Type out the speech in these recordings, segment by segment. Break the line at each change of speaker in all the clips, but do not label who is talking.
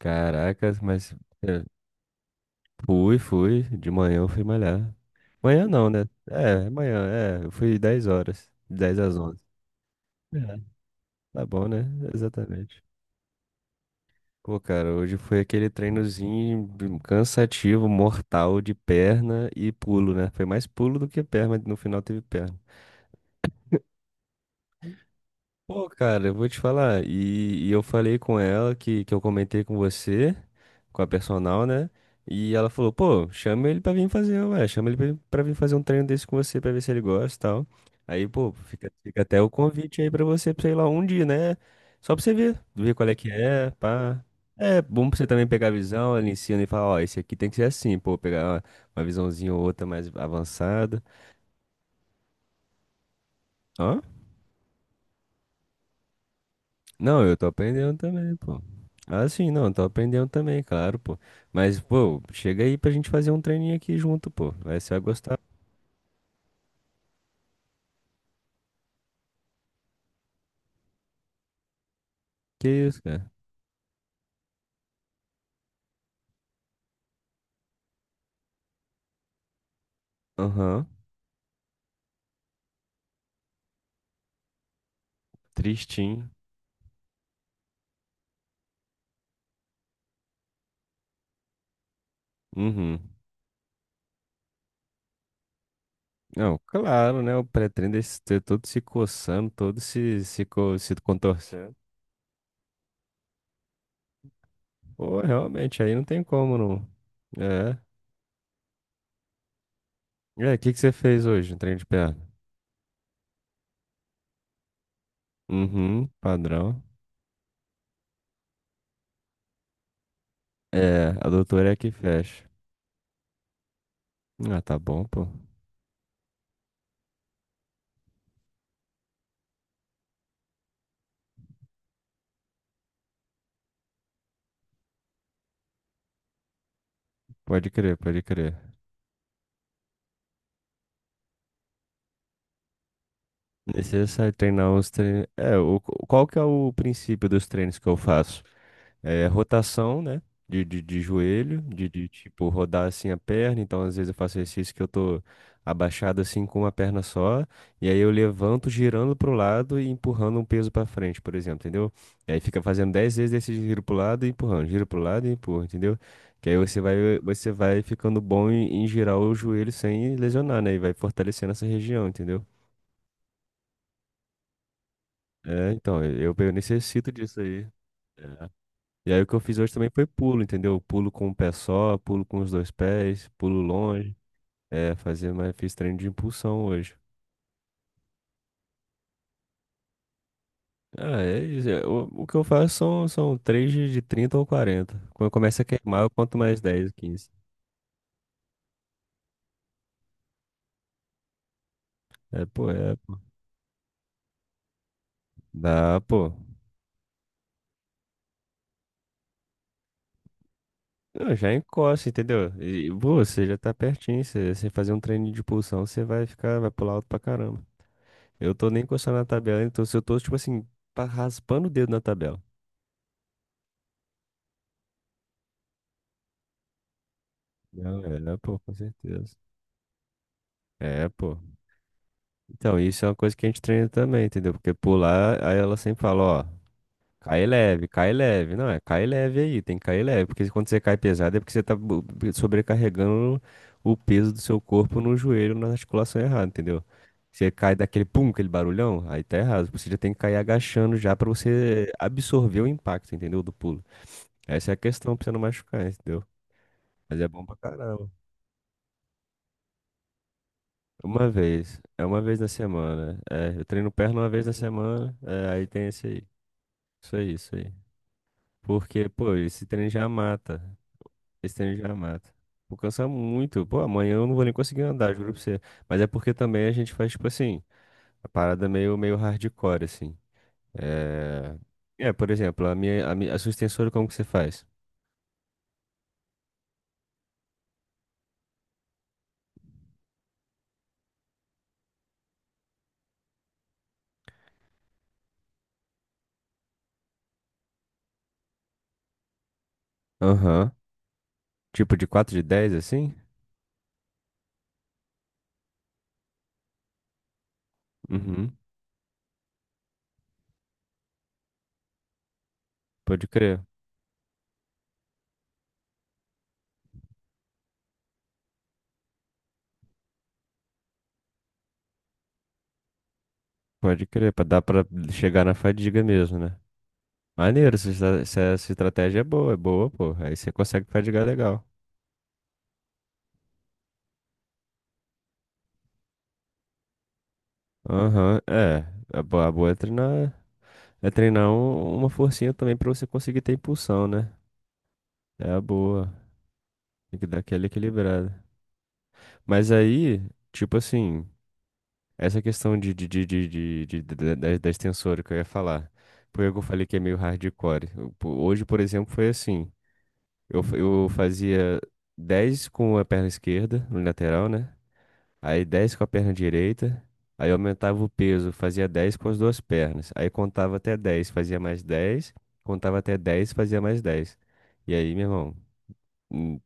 Caraca, mas é, fui. De manhã eu fui malhar. Manhã não, né? É, manhã, é. Eu fui 10 horas, 10 às 11. É. Tá bom, né? Exatamente. Pô, cara, hoje foi aquele treinozinho cansativo, mortal de perna e pulo, né? Foi mais pulo do que perna, mas no final teve perna. Pô, cara, eu vou te falar. E eu falei com ela que eu comentei com você, com a personal, né? E ela falou, pô, chama ele pra vir fazer, ué, chama ele pra vir fazer um treino desse com você pra ver se ele gosta e tal. Aí, pô, fica até o convite aí pra você ir lá um dia, né? Só pra você ver qual é que é, pá. É bom pra você também pegar a visão, ela ensina e fala, ó, esse aqui tem que ser assim, pô, pegar uma visãozinha ou outra mais avançada. Ó. Não, eu tô aprendendo também, pô. Ah, sim, não, tô aprendendo também, claro, pô. Mas, pô, chega aí pra gente fazer um treininho aqui junto, pô. Vai, você vai gostar. Que isso, cara? Aham. Tristinho. Uhum. Não, claro, né? O pré-treino desse ter todo se coçando, todo se contorcendo. Pô, realmente, aí não tem como, não. É. É, o que que você fez hoje, um treino de perna? Uhum, padrão. É, a doutora é que fecha. Ah, tá bom, pô. Pode crer, pode crer. Necessário treinar os treinos. É, qual que é o princípio dos treinos que eu faço? É rotação, né? De joelho, de tipo rodar assim a perna. Então, às vezes eu faço exercício que eu tô abaixado assim com uma perna só. E aí eu levanto girando pro lado e empurrando um peso pra frente, por exemplo, entendeu? E aí fica fazendo 10 vezes desse giro pro lado e empurrando, giro pro lado e empurra, entendeu? Que aí você vai ficando bom em, girar o joelho sem lesionar, né? E vai fortalecendo essa região, entendeu? É, então, eu necessito disso aí. É. E aí o que eu fiz hoje também foi pulo, entendeu? Pulo com um pé só, pulo com os dois pés, pulo longe. É, fazer mais, fiz treino de impulsão hoje. Ah, é isso. O que eu faço são 3 de 30 ou 40. Quando começa a queimar, eu conto mais 10, 15. É, pô, é. Dá, pô. Não, já encosta, entendeu? E, pô, você já tá pertinho. Você fazer um treino de impulsão, você vai ficar, vai pular alto pra caramba. Eu tô nem encostando na tabela, então se eu tô, tipo assim, raspando o dedo na tabela. Não, é, pô, com certeza. É, pô. Então, isso é uma coisa que a gente treina também, entendeu? Porque pular, aí ela sempre fala, ó, cai leve, cai leve. Não, é cai leve aí, tem que cair leve. Porque quando você cai pesado é porque você tá sobrecarregando o peso do seu corpo no joelho, na articulação errada, entendeu? Você cai daquele pum, aquele barulhão, aí tá errado. Você já tem que cair agachando já pra você absorver o impacto, entendeu? Do pulo. Essa é a questão pra você não machucar, entendeu? Mas é bom pra caramba. Uma vez. É uma vez na semana. É, eu treino perna uma vez na semana. É, aí tem esse aí. Isso aí, isso aí. Porque, pô, esse treino já mata. Esse treino já mata. Vou cansar muito. Pô, amanhã eu não vou nem conseguir andar, juro pra você. Mas é porque também a gente faz, tipo assim, a parada meio, meio hardcore, assim. É... É, por exemplo, a minha, a minha, a sua extensora, como que você faz? Aham. Tipo de 4 de 10 assim? Uhum. Pode crer. Pode crer, pra dar pra chegar na fadiga mesmo, né? Maneiro, essa estratégia é boa, pô. Aí você consegue praticar legal. Aham, é. A boa é treinar uma forcinha também pra você conseguir ter impulsão, né? É a boa. Tem que dar aquela equilibrada. Mas aí, tipo assim, essa questão de- da, da da extensora que eu ia falar. Por que eu falei que é meio hardcore. Hoje, por exemplo, foi assim. Eu fazia 10 com a perna esquerda, no lateral, né? Aí 10 com a perna direita. Aí eu aumentava o peso, fazia 10 com as duas pernas. Aí contava até 10, fazia mais 10. Contava até dez, fazia mais dez. E aí, meu irmão. hum,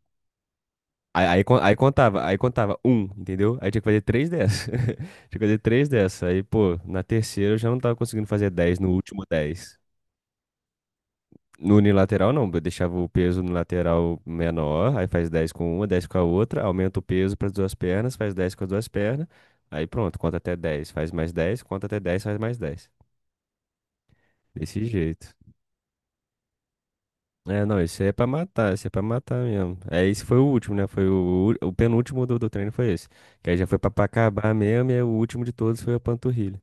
Aí, aí contava, aí contava um, entendeu? Aí tinha que fazer três dessas. Tinha que fazer três dessas. Aí, pô, na terceira eu já não tava conseguindo fazer 10 no último 10. No unilateral, não. Eu deixava o peso no lateral menor, aí faz 10 com uma, 10 com a outra, aumenta o peso para as duas pernas, faz 10 com as duas pernas, aí pronto, conta até 10, faz mais 10, conta até 10, faz mais 10. Desse jeito. É, não, esse aí é pra matar, esse é pra matar mesmo. É, esse foi o último, né? Foi o penúltimo do treino foi esse. Que aí já foi pra acabar mesmo, e aí o último de todos foi a panturrilha.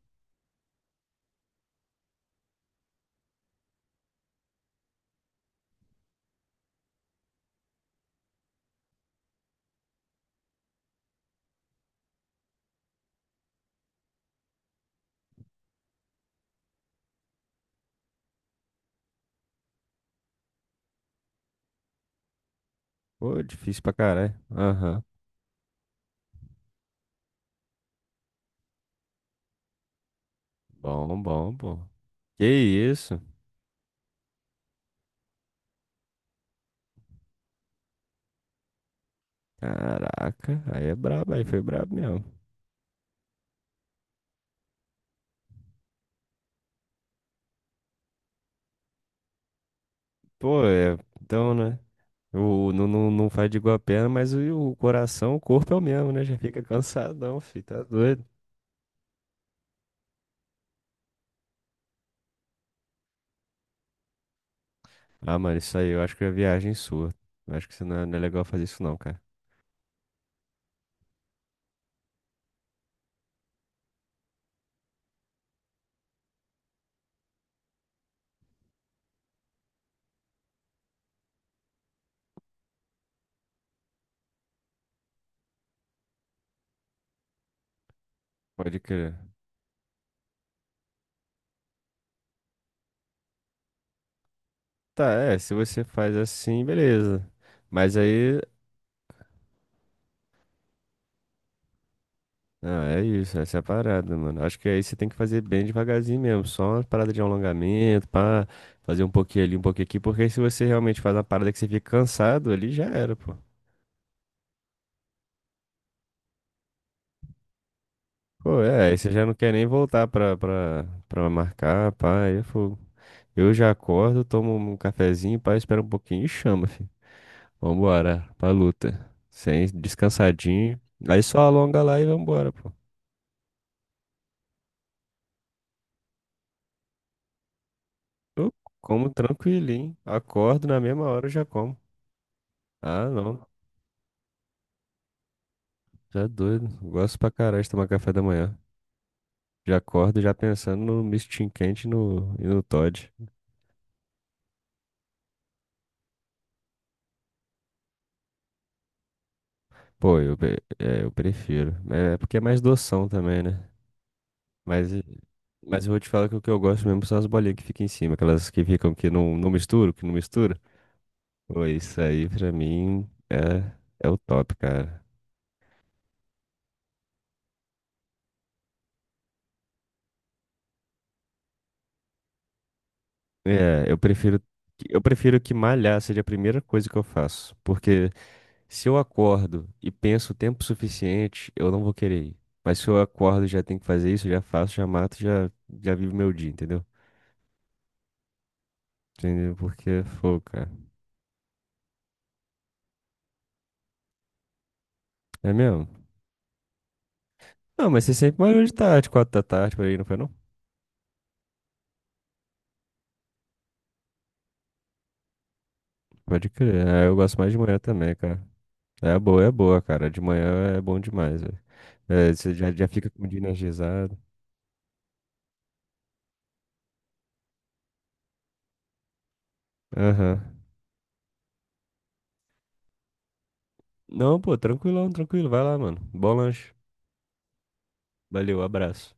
Pô, difícil pra caralho. Aham. Bom, bom, bom. Que isso? Caraca, aí é brabo, aí foi brabo mesmo. Pô, é, então, né? Não, não, não faz de igual a perna, mas o coração, o corpo é o mesmo, né? Já fica cansadão, filho, tá doido. Ah, mano, isso aí eu acho que é viagem sua. Eu acho que você não é, não é legal fazer isso não, cara. Pode crer. Tá, é, se você faz assim, beleza. Mas aí, ah, é isso, essa é a parada, mano. Acho que aí você tem que fazer bem devagarzinho mesmo, só uma parada de alongamento, pá, fazer um pouquinho ali, um pouquinho aqui, porque aí se você realmente faz uma parada que você fica cansado, ali já era, pô. Pô, é, aí você já não quer nem voltar pra marcar, pá, aí é fogo. Eu já acordo, tomo um cafezinho, pá, espera um pouquinho e chama, filho. Vambora, pra luta. Sem descansadinho. Aí só alonga lá e vambora, pô. Eu como tranquilinho, acordo na mesma hora eu já como. Ah, não, já é doido. Gosto pra caralho de tomar café da manhã. Já acordo já pensando no mistinho quente e no Toddy. Pô, eu prefiro. É porque é mais doção também, né? Mas, mas eu vou te falar que o que eu gosto mesmo são as bolinhas que ficam em cima, aquelas que ficam que não, não misturam, que não mistura. Pô, isso aí pra mim é o top, cara. É, eu prefiro que malhar seja a primeira coisa que eu faço. Porque se eu acordo e penso o tempo suficiente, eu não vou querer ir. Mas se eu acordo e já tenho que fazer isso, eu já faço, já mato, já vivo meu dia, entendeu? Entendeu? Porque, pô, cara. É mesmo? Não, mas você sempre malhou de tarde, 4 da tarde, por aí, não foi não? Pode crer. É, eu gosto mais de manhã também, cara. É boa, cara. De manhã é bom demais, velho. É, você já fica com o dia energizado. Aham. Não, pô, tranquilão, tranquilo. Vai lá, mano. Bom lanche. Valeu, abraço.